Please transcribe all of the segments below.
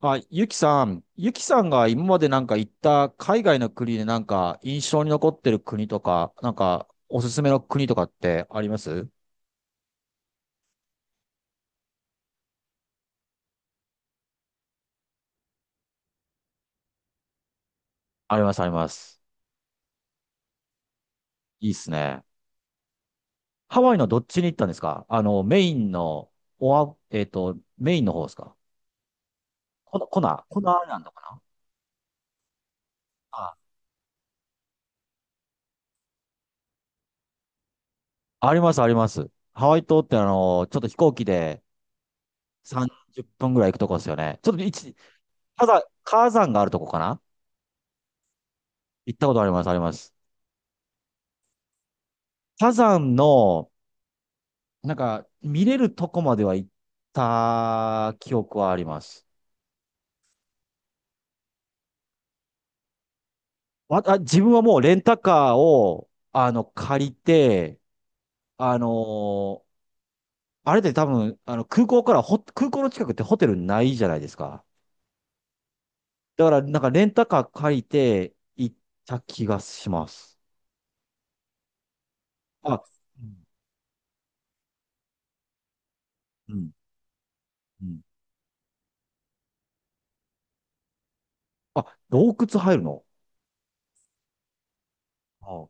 あ、ゆきさん、ゆきさんが今までなんか行った海外の国でなんか印象に残ってる国とか、なんかおすすめの国とかってあります？あります、あります。いいっすね。ハワイのどっちに行ったんですか？あの、メインの、おわ、えっと、メインの方ですか？コナアイラかな？あ、あります、あります。ハワイ島ってちょっと飛行機で30分ぐらい行くとこですよね。ちょっと一、火山、火山があるとこかな？行ったことあります、あります。火山の、なんか、見れるとこまでは行った記憶はあります。わあ、自分はもうレンタカーを、借りて、あのーあれで多分、空港から空港の近くってホテルないじゃないですか。だから、なんかレンタカー借りて行った気がします。あ、うん、うん、うん。あ、洞窟入るの？あ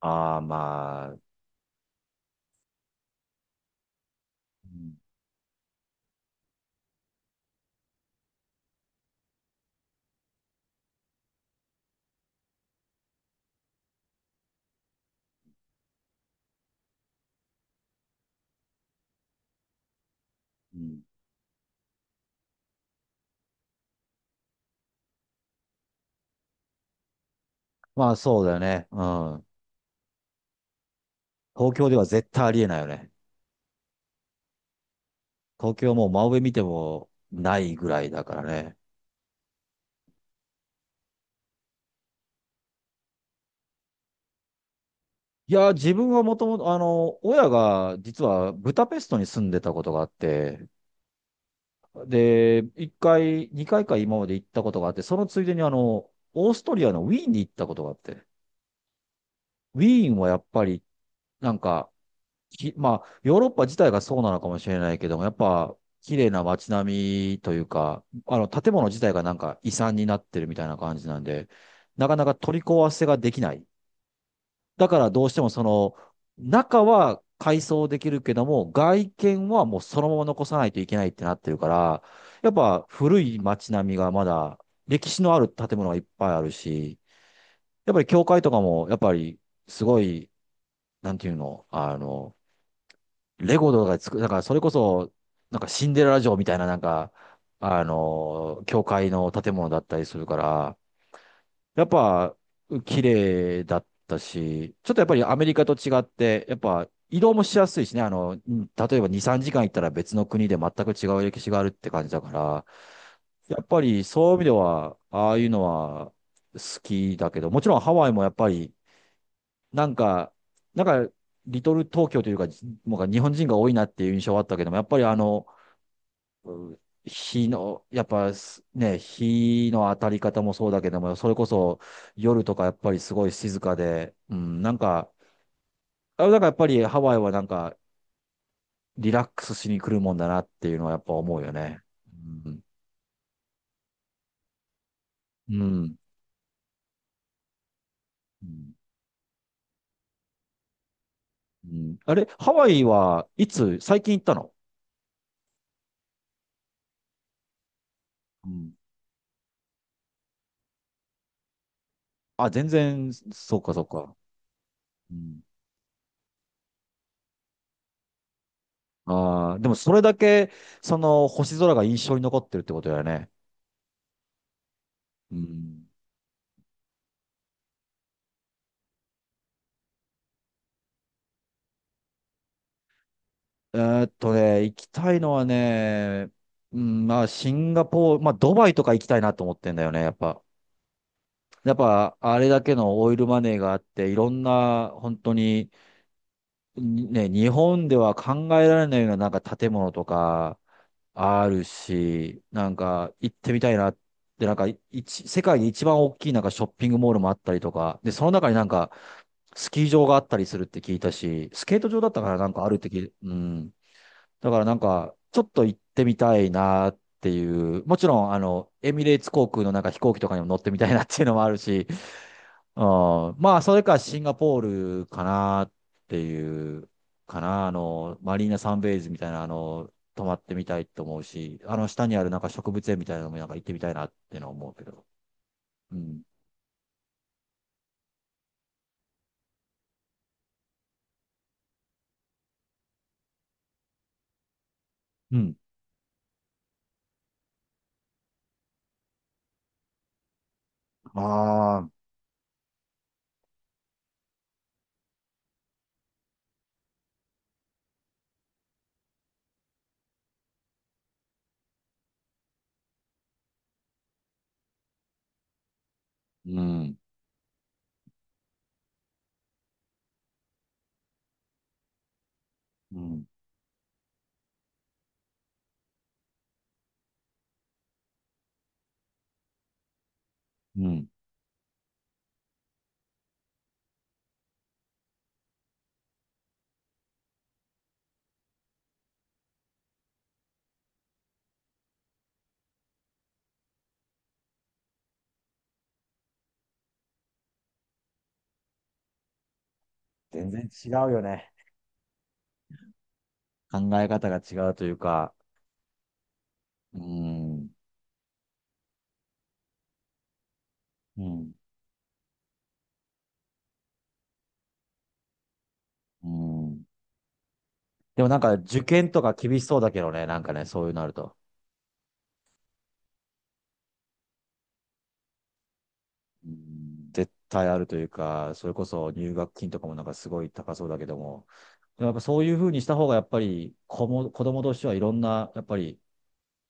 あー、まあ、うん、うん。まあそうだよね。うん。東京では絶対ありえないよね。東京はもう真上見てもないぐらいだからね。いや、自分はもともと、親が実はブダペストに住んでたことがあって、で、一回、二回か今まで行ったことがあって、そのついでにオーストリアのウィーンに行ったことがあって、ウィーンはやっぱり、なんか、まあ、ヨーロッパ自体がそうなのかもしれないけども、やっぱ、綺麗な街並みというか、建物自体がなんか遺産になってるみたいな感じなんで、なかなか取り壊せができない。だからどうしてもその、中は改装できるけども、外見はもうそのまま残さないといけないってなってるから、やっぱ古い街並みがまだ、歴史のある建物がいっぱいあるし、やっぱり教会とかも、やっぱりすごい、なんていうの、レゴとかで作る、だからそれこそ、なんかシンデレラ城みたいな、なんか、教会の建物だったりするから、やっぱ、綺麗だったし、ちょっとやっぱりアメリカと違って、やっぱ移動もしやすいしね、うん、例えば2、3時間行ったら別の国で全く違う歴史があるって感じだから、やっぱりそういう意味では、ああいうのは好きだけど、もちろんハワイもやっぱり、なんか、なんか、リトル東京というか、もう日本人が多いなっていう印象はあったけども、やっぱりうん、やっぱすね、日の当たり方もそうだけども、それこそ夜とかやっぱりすごい静かで、うん、なんか、あ、だからやっぱりハワイはなんかリラックスしに来るもんだなっていうのはやっぱ思うよね。うん。うん。うん、うん、あれ、ハワイはいつ、最近行ったの？うん。あ、全然、そうかそうか。うん。ああ、でもそれだけ、その星空が印象に残ってるってことだよね。うん。行きたいのはね、うん、まあ、シンガポール、まあ、ドバイとか行きたいなと思ってんだよね、やっぱ。やっぱ、あれだけのオイルマネーがあって、いろんな、本当に、にね、日本では考えられないような、なんか建物とか、あるし、なんか、行ってみたいなって、なんか、世界で一番大きい、なんか、ショッピングモールもあったりとか、で、その中になんか、スキー場があったりするって聞いたし、スケート場だったからなんかあるってうん。だからなんか、ちょっと行ってみたいなっていう、もちろん、エミレーツ航空のなんか飛行機とかにも乗ってみたいなっていうのもあるし、うん、まあ、それかシンガポールかなっていう、かな、マリーナサンベイズみたいな、泊まってみたいと思うし、下にあるなんか植物園みたいなのもなんか行ってみたいなっていうのは思うけど。うん。うん。ああ、うん。うん。うん。全然違うよね。考え方が違うというか、うん。うん。うん。でもなんか受験とか厳しそうだけどね、なんかね、そういうのあると。うん、絶対あるというか、それこそ入学金とかもなんかすごい高そうだけども、でもやっぱそういうふうにした方がやっぱり子供としてはいろんな、やっぱり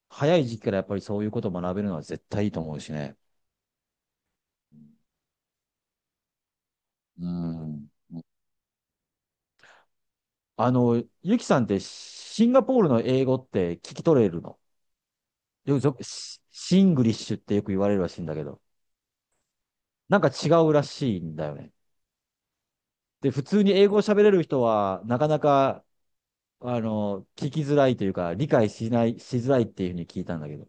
早い時期からやっぱりそういうことを学べるのは絶対いいと思うしね。うん、ゆきさんってシンガポールの英語って聞き取れるの？よくよくシングリッシュってよく言われるらしいんだけど、なんか違うらしいんだよね。で、普通に英語を喋れる人は、なかなか聞きづらいというか、理解しない、しづらいっていうふうに聞いたんだけど。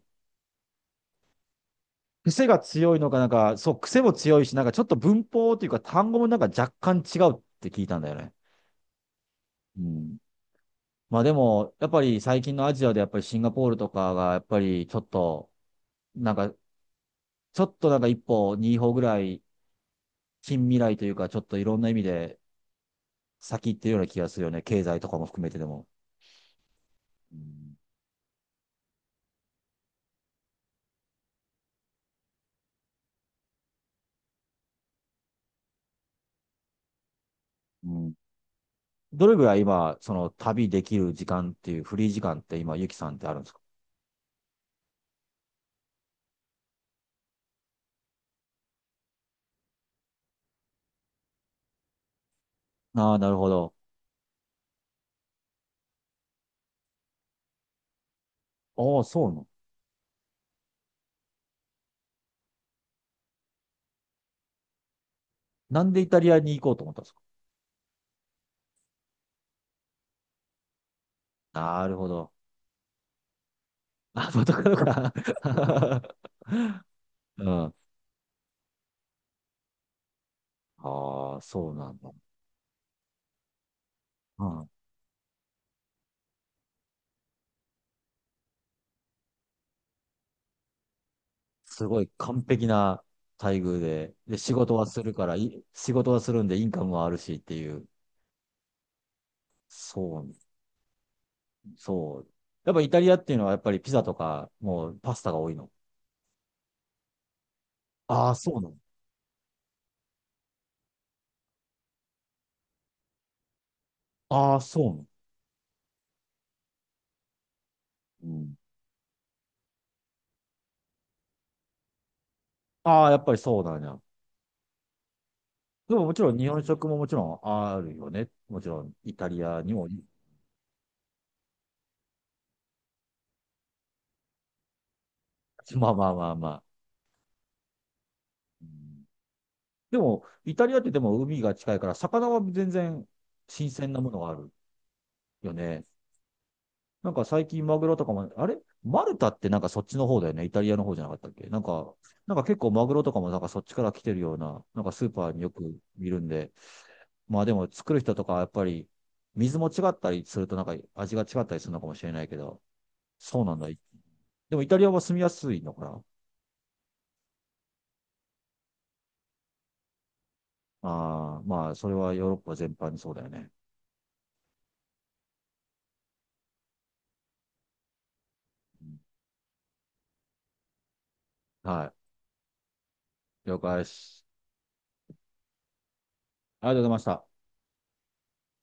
癖が強いのか、なんか、そう、癖も強いし、なんかちょっと文法というか単語もなんか若干違うって聞いたんだよね。うん。まあでも、やっぱり最近のアジアでやっぱりシンガポールとかが、やっぱりちょっと、なんか、ちょっとなんか一歩、二歩ぐらい、近未来というか、ちょっといろんな意味で先行ってるような気がするよね。経済とかも含めてでも。うん、うん、どれぐらい今、その旅できる時間っていう、フリー時間って今、ゆきさんってあるんですか？ああ、なるほど。ああ、そうなの。なんでイタリアに行こうと思ったんですか？なるほど。あ、元カノか。うん。ああ、そうなんだ。うん。すごい完璧な待遇で、で、仕事はするから、仕事はするんでインカムはあるしっていう。そう、そう。やっぱイタリアっていうのはやっぱりピザとか、もうパスタが多いの？ああ、そうなの。ああ、そうなの。うん。ああ、やっぱりそうなんや。でももちろん日本食ももちろんあるよね。もちろんイタリアにも。まあまあまあまあ。うん、でも、イタリアってでも海が近いから、魚は全然新鮮なものがあるよね。なんか最近マグロとかも、あれマルタってなんかそっちの方だよね。イタリアの方じゃなかったっけ、なんか、なんか結構マグロとかもなんかそっちから来てるような、なんかスーパーによく見るんで。まあでも作る人とかはやっぱり水も違ったりするとなんか味が違ったりするのかもしれないけど、そうなんだ。でもイタリアは住みやすいのかな？ああ、まあそれはヨーロッパ全般にそうだよね。うん、はい。了解です。ありがとうございました。